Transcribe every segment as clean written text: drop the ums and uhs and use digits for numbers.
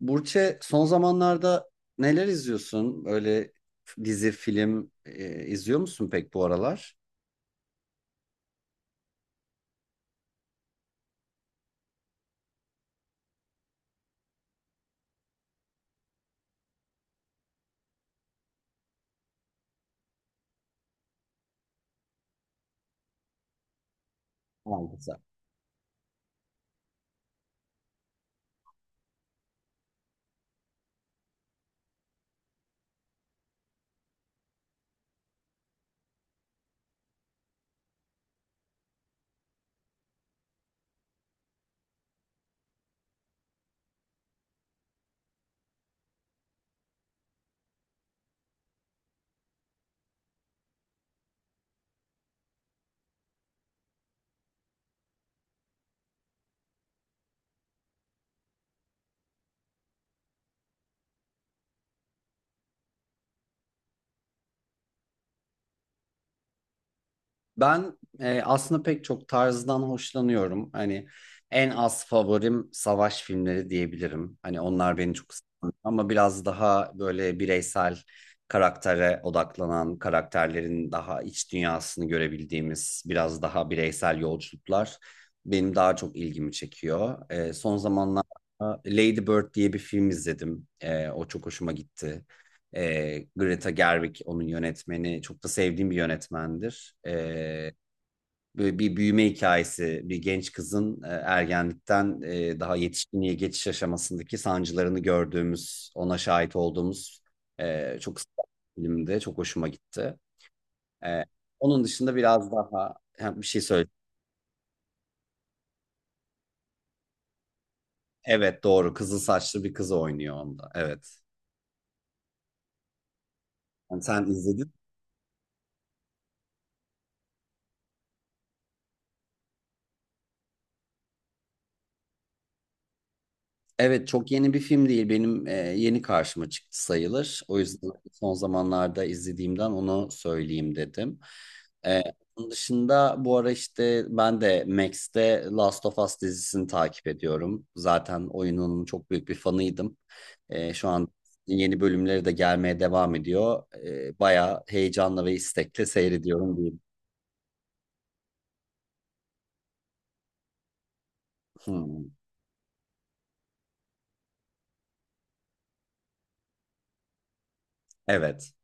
Burçe, son zamanlarda neler izliyorsun? Öyle dizi, film izliyor musun pek bu aralar? Maalesef. Ben aslında pek çok tarzdan hoşlanıyorum. Hani en az favorim savaş filmleri diyebilirim. Hani onlar beni çok sarmıyor ama biraz daha böyle bireysel karaktere odaklanan, karakterlerin daha iç dünyasını görebildiğimiz biraz daha bireysel yolculuklar benim daha çok ilgimi çekiyor. Son zamanlarda Lady Bird diye bir film izledim. O çok hoşuma gitti. Greta Gerwig onun yönetmeni. Çok da sevdiğim bir yönetmendir. Böyle bir büyüme hikayesi, bir genç kızın ergenlikten daha yetişkinliğe geçiş aşamasındaki sancılarını gördüğümüz, ona şahit olduğumuz çok kısa bir filmdi. Çok hoşuma gitti. E, Onun dışında biraz daha ha, bir şey söyle. Evet, doğru. Kızıl saçlı bir kız oynuyor onda. Evet. Yani sen izledin. Evet, çok yeni bir film değil. Benim yeni karşıma çıktı sayılır. O yüzden son zamanlarda izlediğimden onu söyleyeyim dedim. Ee, Onun dışında bu ara işte ben de Max'te Last of Us dizisini takip ediyorum. Zaten oyunun çok büyük bir fanıydım. Şu an yeni bölümleri de gelmeye devam ediyor. Bayağı heyecanla ve istekle seyrediyorum diyeyim. Hmm. Evet.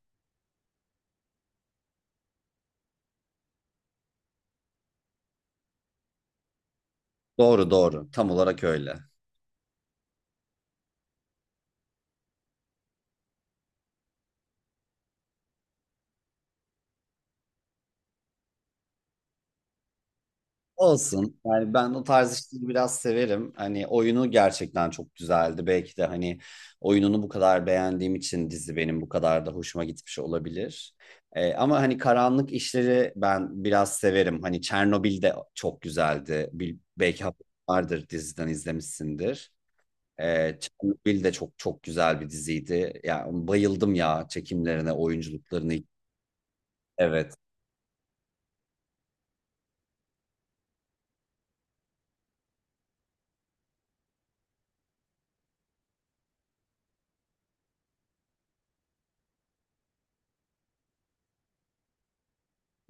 Doğru, doğru. Tam olarak öyle. Olsun. Yani ben o tarz işleri biraz severim. Hani oyunu gerçekten çok güzeldi. Belki de hani oyununu bu kadar beğendiğim için dizi benim bu kadar da hoşuma gitmiş olabilir. Ama hani karanlık işleri ben biraz severim. Hani Çernobil de çok güzeldi. Belki haberin vardır, diziden izlemişsindir. Çernobil de çok çok güzel bir diziydi. Yani bayıldım ya çekimlerine, oyunculuklarını. Evet.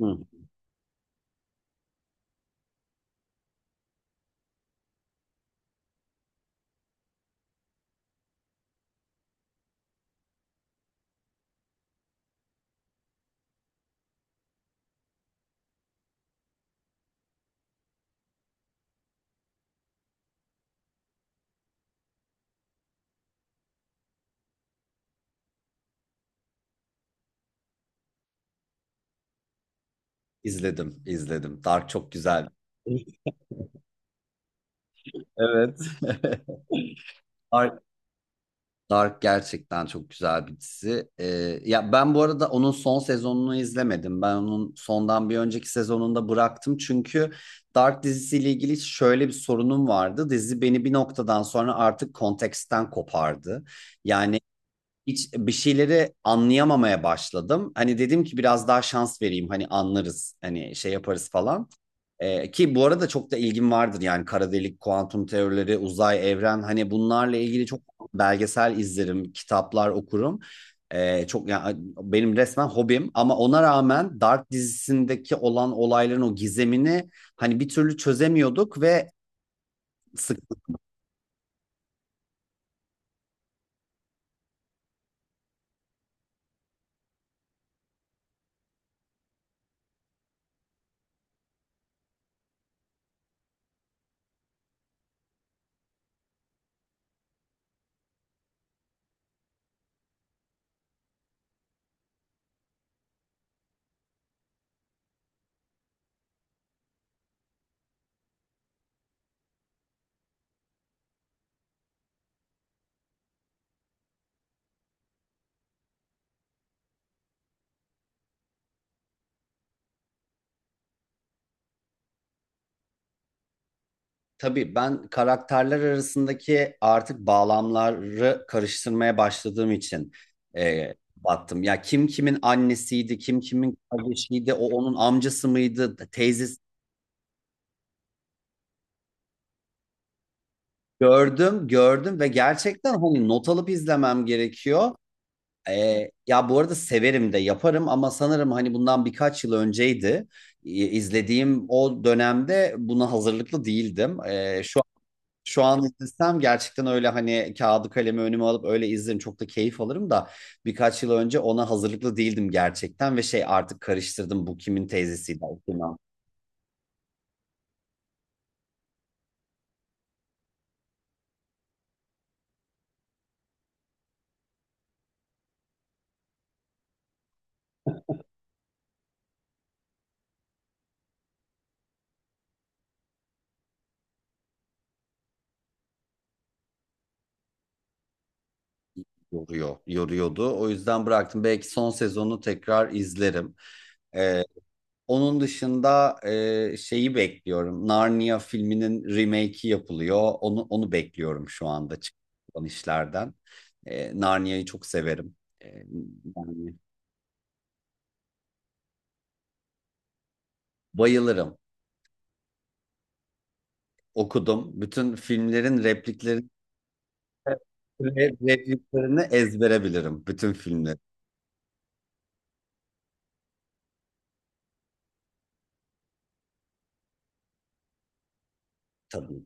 Hı. İzledim, izledim. Dark çok güzel. Evet. Dark, Dark gerçekten çok güzel bir dizi. Ya ben bu arada onun son sezonunu izlemedim. Ben onun sondan bir önceki sezonunda bıraktım. Çünkü Dark dizisiyle ilgili şöyle bir sorunum vardı. Dizi beni bir noktadan sonra artık konteksten kopardı. Yani hiç bir şeyleri anlayamamaya başladım. Hani dedim ki biraz daha şans vereyim. Hani anlarız. Hani şey yaparız falan. Ki bu arada çok da ilgim vardır yani kara delik, kuantum teorileri, uzay, evren, hani bunlarla ilgili çok belgesel izlerim, kitaplar okurum. Çok yani benim resmen hobim ama ona rağmen Dark dizisindeki olan olayların o gizemini hani bir türlü çözemiyorduk ve sık tabii ben karakterler arasındaki artık bağlamları karıştırmaya başladığım için battım. Ya kim kimin annesiydi, kim kimin kardeşiydi, o onun amcası mıydı, teyzesi. Gördüm, gördüm ve gerçekten hani not alıp izlemem gerekiyor. Ya bu arada severim de yaparım ama sanırım hani bundan birkaç yıl önceydi. İzlediğim o dönemde buna hazırlıklı değildim. Şu an izlesem gerçekten öyle hani kağıdı kalemi önüme alıp öyle izlerim, çok da keyif alırım da birkaç yıl önce ona hazırlıklı değildim gerçekten ve şey artık karıştırdım bu kimin teyzesiydi, o kimin. Yoruyor, yoruyordu. O yüzden bıraktım. Belki son sezonu tekrar izlerim. Ee, Onun dışında şeyi bekliyorum. Narnia filminin remake'i yapılıyor. Onu bekliyorum şu anda çıkan işlerden. Narnia'yı çok severim. E, Yani bayılırım. Okudum. Bütün filmlerin replikleri repliklerini ezbere bilirim. Bütün filmleri, tabii.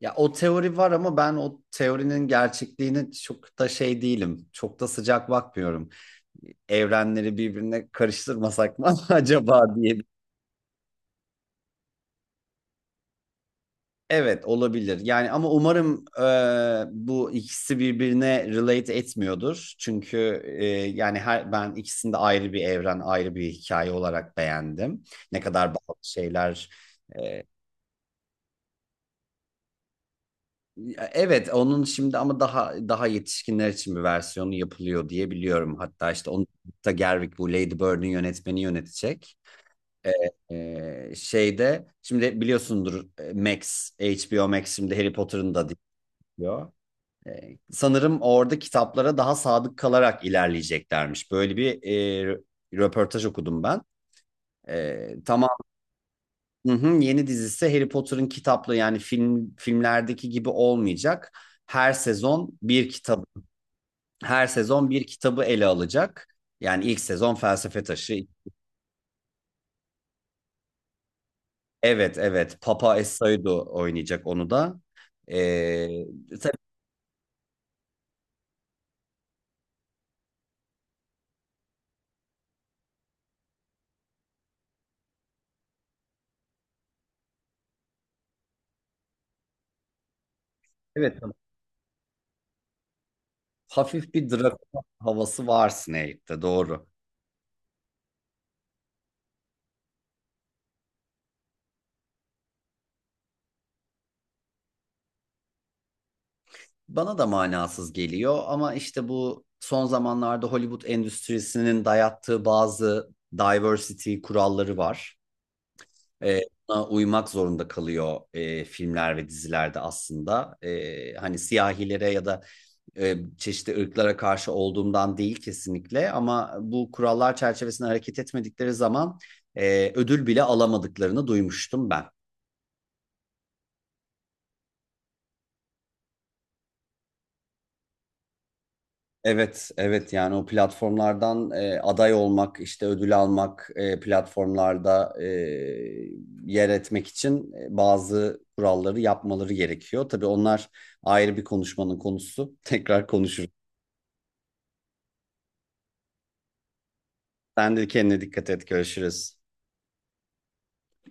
Ya o teori var ama ben o teorinin gerçekliğine çok da şey değilim. Çok da sıcak bakmıyorum. Evrenleri birbirine karıştırmasak mı acaba diye. Evet, olabilir. Yani ama umarım bu ikisi birbirine relate etmiyordur. Çünkü yani her ben ikisini de ayrı bir evren, ayrı bir hikaye olarak beğendim. Ne kadar bazı şeyler e, ya evet, onun şimdi ama daha yetişkinler için bir versiyonu yapılıyor diye biliyorum. Hatta işte onu da Gerwig, bu Lady Bird'ün yönetmeni yönetecek. E, şeyde Şimdi biliyorsundur, Max HBO Max şimdi Harry Potter'ın da diyor. Sanırım orada kitaplara daha sadık kalarak ilerleyeceklermiş. Böyle bir e, röportaj okudum ben. Ee, tamam hı hı, yeni dizisi Harry Potter'ın kitaplı yani filmlerdeki gibi olmayacak, her sezon bir kitabı her sezon bir kitabı ele alacak. Yani ilk sezon Felsefe Taşı. Evet, evet, Papa Essaydo oynayacak onu da. Ee, tabii, evet tamam. Hafif bir Drakula havası var Snape'te, doğru. Bana da manasız geliyor ama işte bu son zamanlarda Hollywood endüstrisinin dayattığı bazı diversity kuralları var. Ee, Buna uymak zorunda kalıyor filmler ve dizilerde aslında. Hani siyahilere ya da çeşitli ırklara karşı olduğumdan değil kesinlikle ama bu kurallar çerçevesinde hareket etmedikleri zaman ödül bile alamadıklarını duymuştum ben. Evet, evet, yani o platformlardan aday olmak, işte ödül almak, platformlarda yer etmek için bazı kuralları yapmaları gerekiyor. Tabii onlar ayrı bir konuşmanın konusu. Tekrar konuşuruz. Sen de kendine dikkat et, görüşürüz.